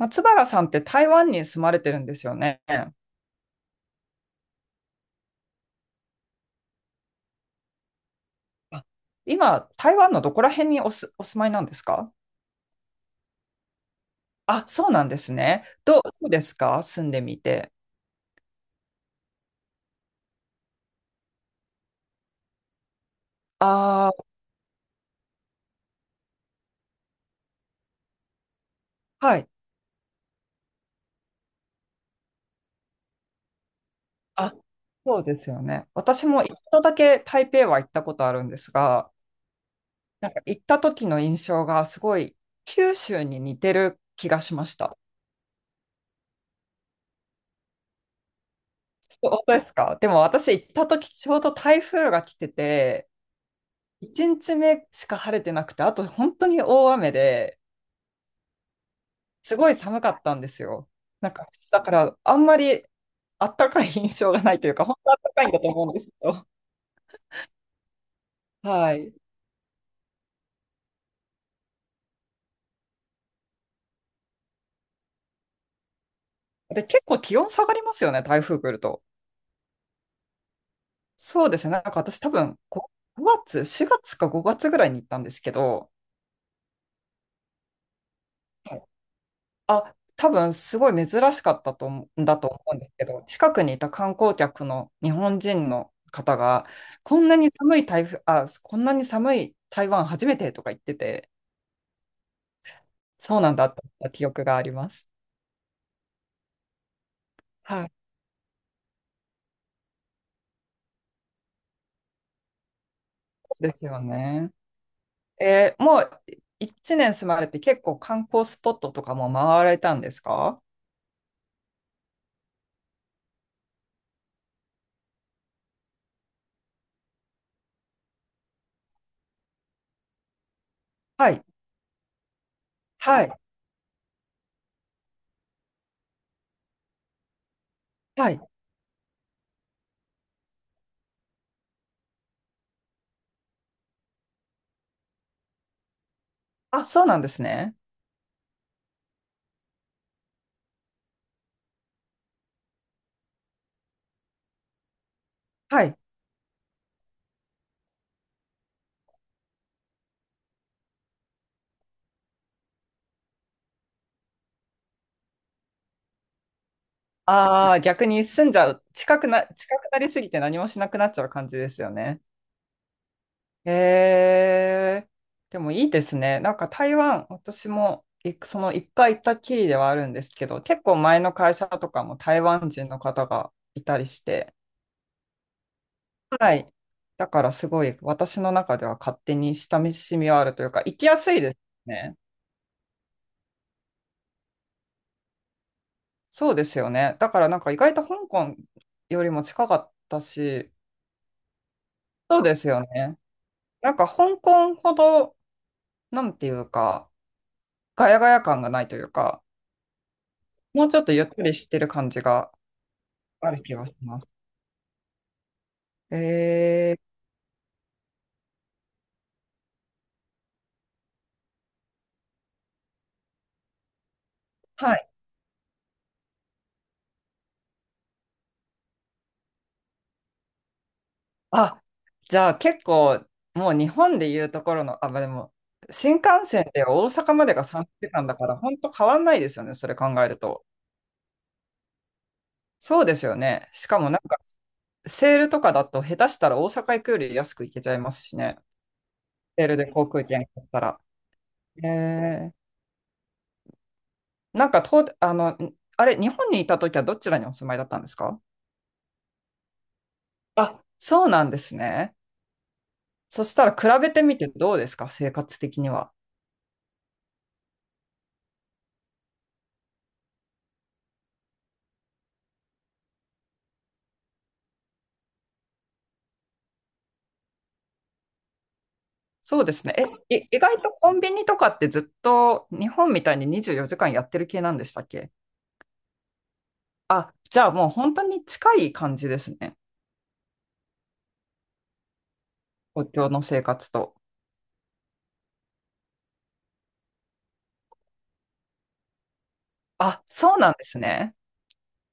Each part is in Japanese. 松原さんって台湾に住まれてるんですよね。あ。今、台湾のどこら辺にお住まいなんですか？あ、そうなんですね。どうですか、住んでみて。ああ、はい。あ、そうですよね。私も一度だけ台北は行ったことあるんですが、なんか行った時の印象がすごい九州に似てる気がしました。そうですか。でも私行った時ちょうど台風が来てて、1日目しか晴れてなくて、あと本当に大雨で、すごい寒かったんですよ。なんか、だから、あんまりあったかい印象がないというか、本当あったかいんだと思うんですけど。はい。で、結構気温下がりますよね、台風来ると。そうですね。なんか私多分、5月、4月か5月ぐらいに行ったんですけど、はい。あ、多分すごい珍しかったと思うんだと思うんですけど、近くにいた観光客の日本人の方が、こんなに寒い台風、あ、こんなに寒い台湾初めてとか言ってて、そうなんだって記憶があります。はい。ですよね。もう1年住まれて、結構観光スポットとかも回られたんですか？はい。はい。はい。あ、そうなんですね。はい。ああ、逆に住んじゃう。近くなりすぎて何もしなくなっちゃう感じですよね。えー、でもいいですね。なんか台湾、私もその一回行ったきりではあるんですけど、結構前の会社とかも台湾人の方がいたりして、はい。だからすごい私の中では勝手に親しみはあるというか、行きやすいですね。そうですよね。だからなんか意外と香港よりも近かったし、そうですよね。なんか香港ほど、なんていうか、ガヤガヤ感がないというか、もうちょっとゆっくりしてる感じがある気がします。えー、はい。あ、じゃあ結構、もう日本でいうところの、あ、まあでも、新幹線で大阪までが3時間だから、本当変わんないですよね、それ考えると。そうですよね。しかもなんか、セールとかだと、下手したら大阪行くより安く行けちゃいますしね。セールで航空券買ったら。えー、なんかと、あの、んあれ、日本にいた時はどちらにお住まいだったんですか？あ、そうなんですね。そしたら比べてみてどうですか、生活的には。そうですね。意外とコンビニとかってずっと日本みたいに24時間やってる系なんでしたっけ？あ、じゃあもう本当に近い感じですね。東京の生活と。あ、そうなんですね。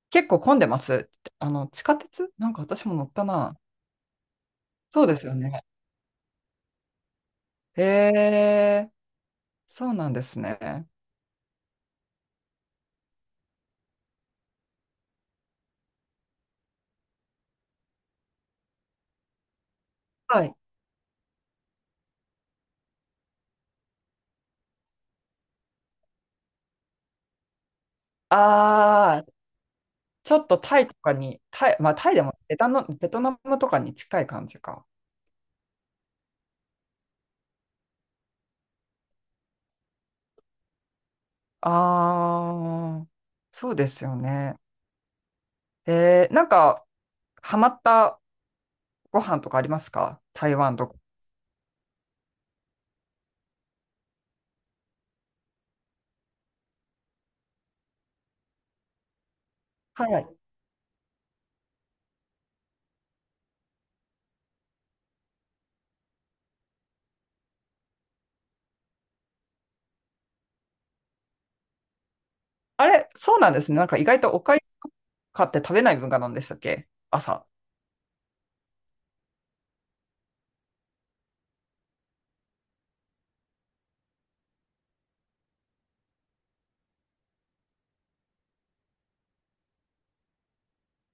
結構混んでます。地下鉄なんか私も乗ったな。そうですよね。へえ、そうなんですね。はい。ああ、ちょっとタイとかに、タイ、まあタイでもベタの、ベトナムとかに近い感じか。ああ、そうですよね。なんか、ハマったご飯とかありますか、台湾とか？はい。あれ、そうなんですね。なんか意外とおかゆとかって食べない文化なんでしたっけ、朝。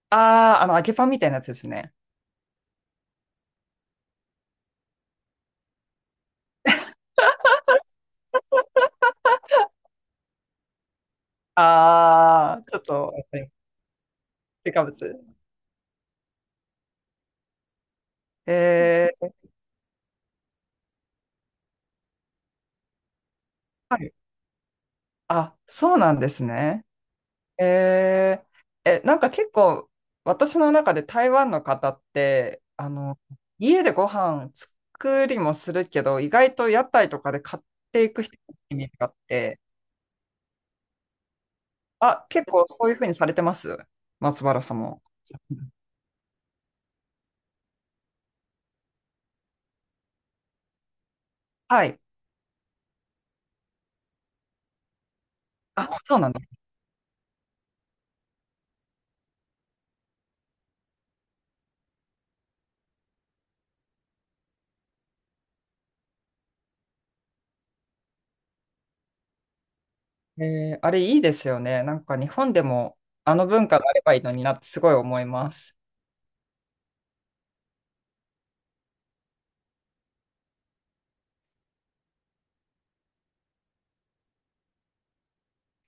ああ、揚げパンみたいなやつですね。ああ、ちょっと、やっぱり、添加物。えー、はい。あ、そうなんですね。えなんか結構私の中で台湾の方って家でご飯作りもするけど、意外と屋台とかで買っていく人のイメージがあって、あ、結構そういうふうにされてます、松原さんも？はい。あ、そうなんです。あれいいですよね、なんか日本でもあの文化があればいいのになってすごい思います。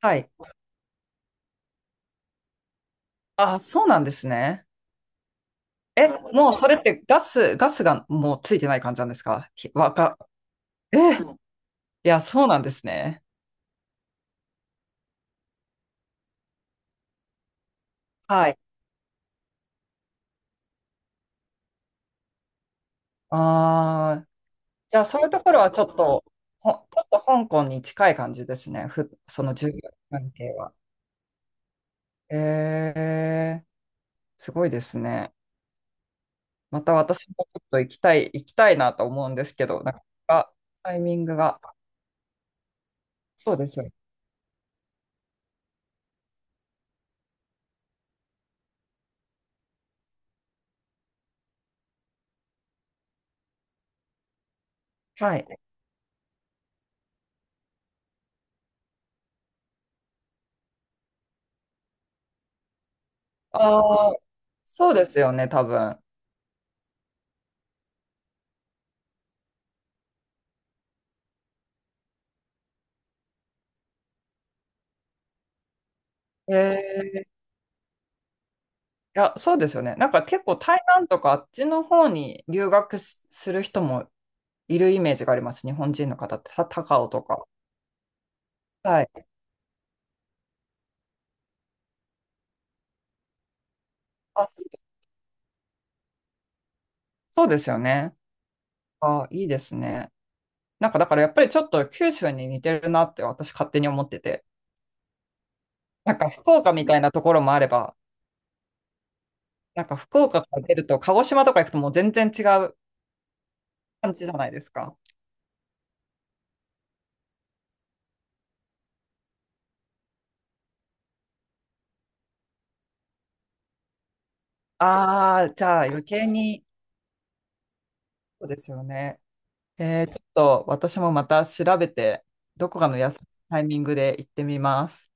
はい。あ、そうなんですね。もうそれってガスがもうついてない感じなんですか、ひわか、え、いや、そうなんですね。はい。ああ、じゃあそういうところはちょっと香港に近い感じですね。その従業関係は？えー、すごいですね。また私もちょっと行きたい、行きたいなと思うんですけど、なかなかタイミングが。そうですよ。はい。ああ、そうですよね、多分。いや、そうですよね。なんか結構台湾とかあっちの方に留学する人もいるイメージがあります。日本人の方って、高尾とか。はい。あ、そうですよね。あ、いいですね。なんかだからやっぱりちょっと九州に似てるなって私勝手に思ってて。なんか福岡みたいなところもあれば、なんか福岡から出ると鹿児島とか行くともう全然違う感じじゃないですか。ああ、じゃあ余計に、そうですよね。ちょっと私もまた調べて、どこかの休みのタイミングで行ってみます。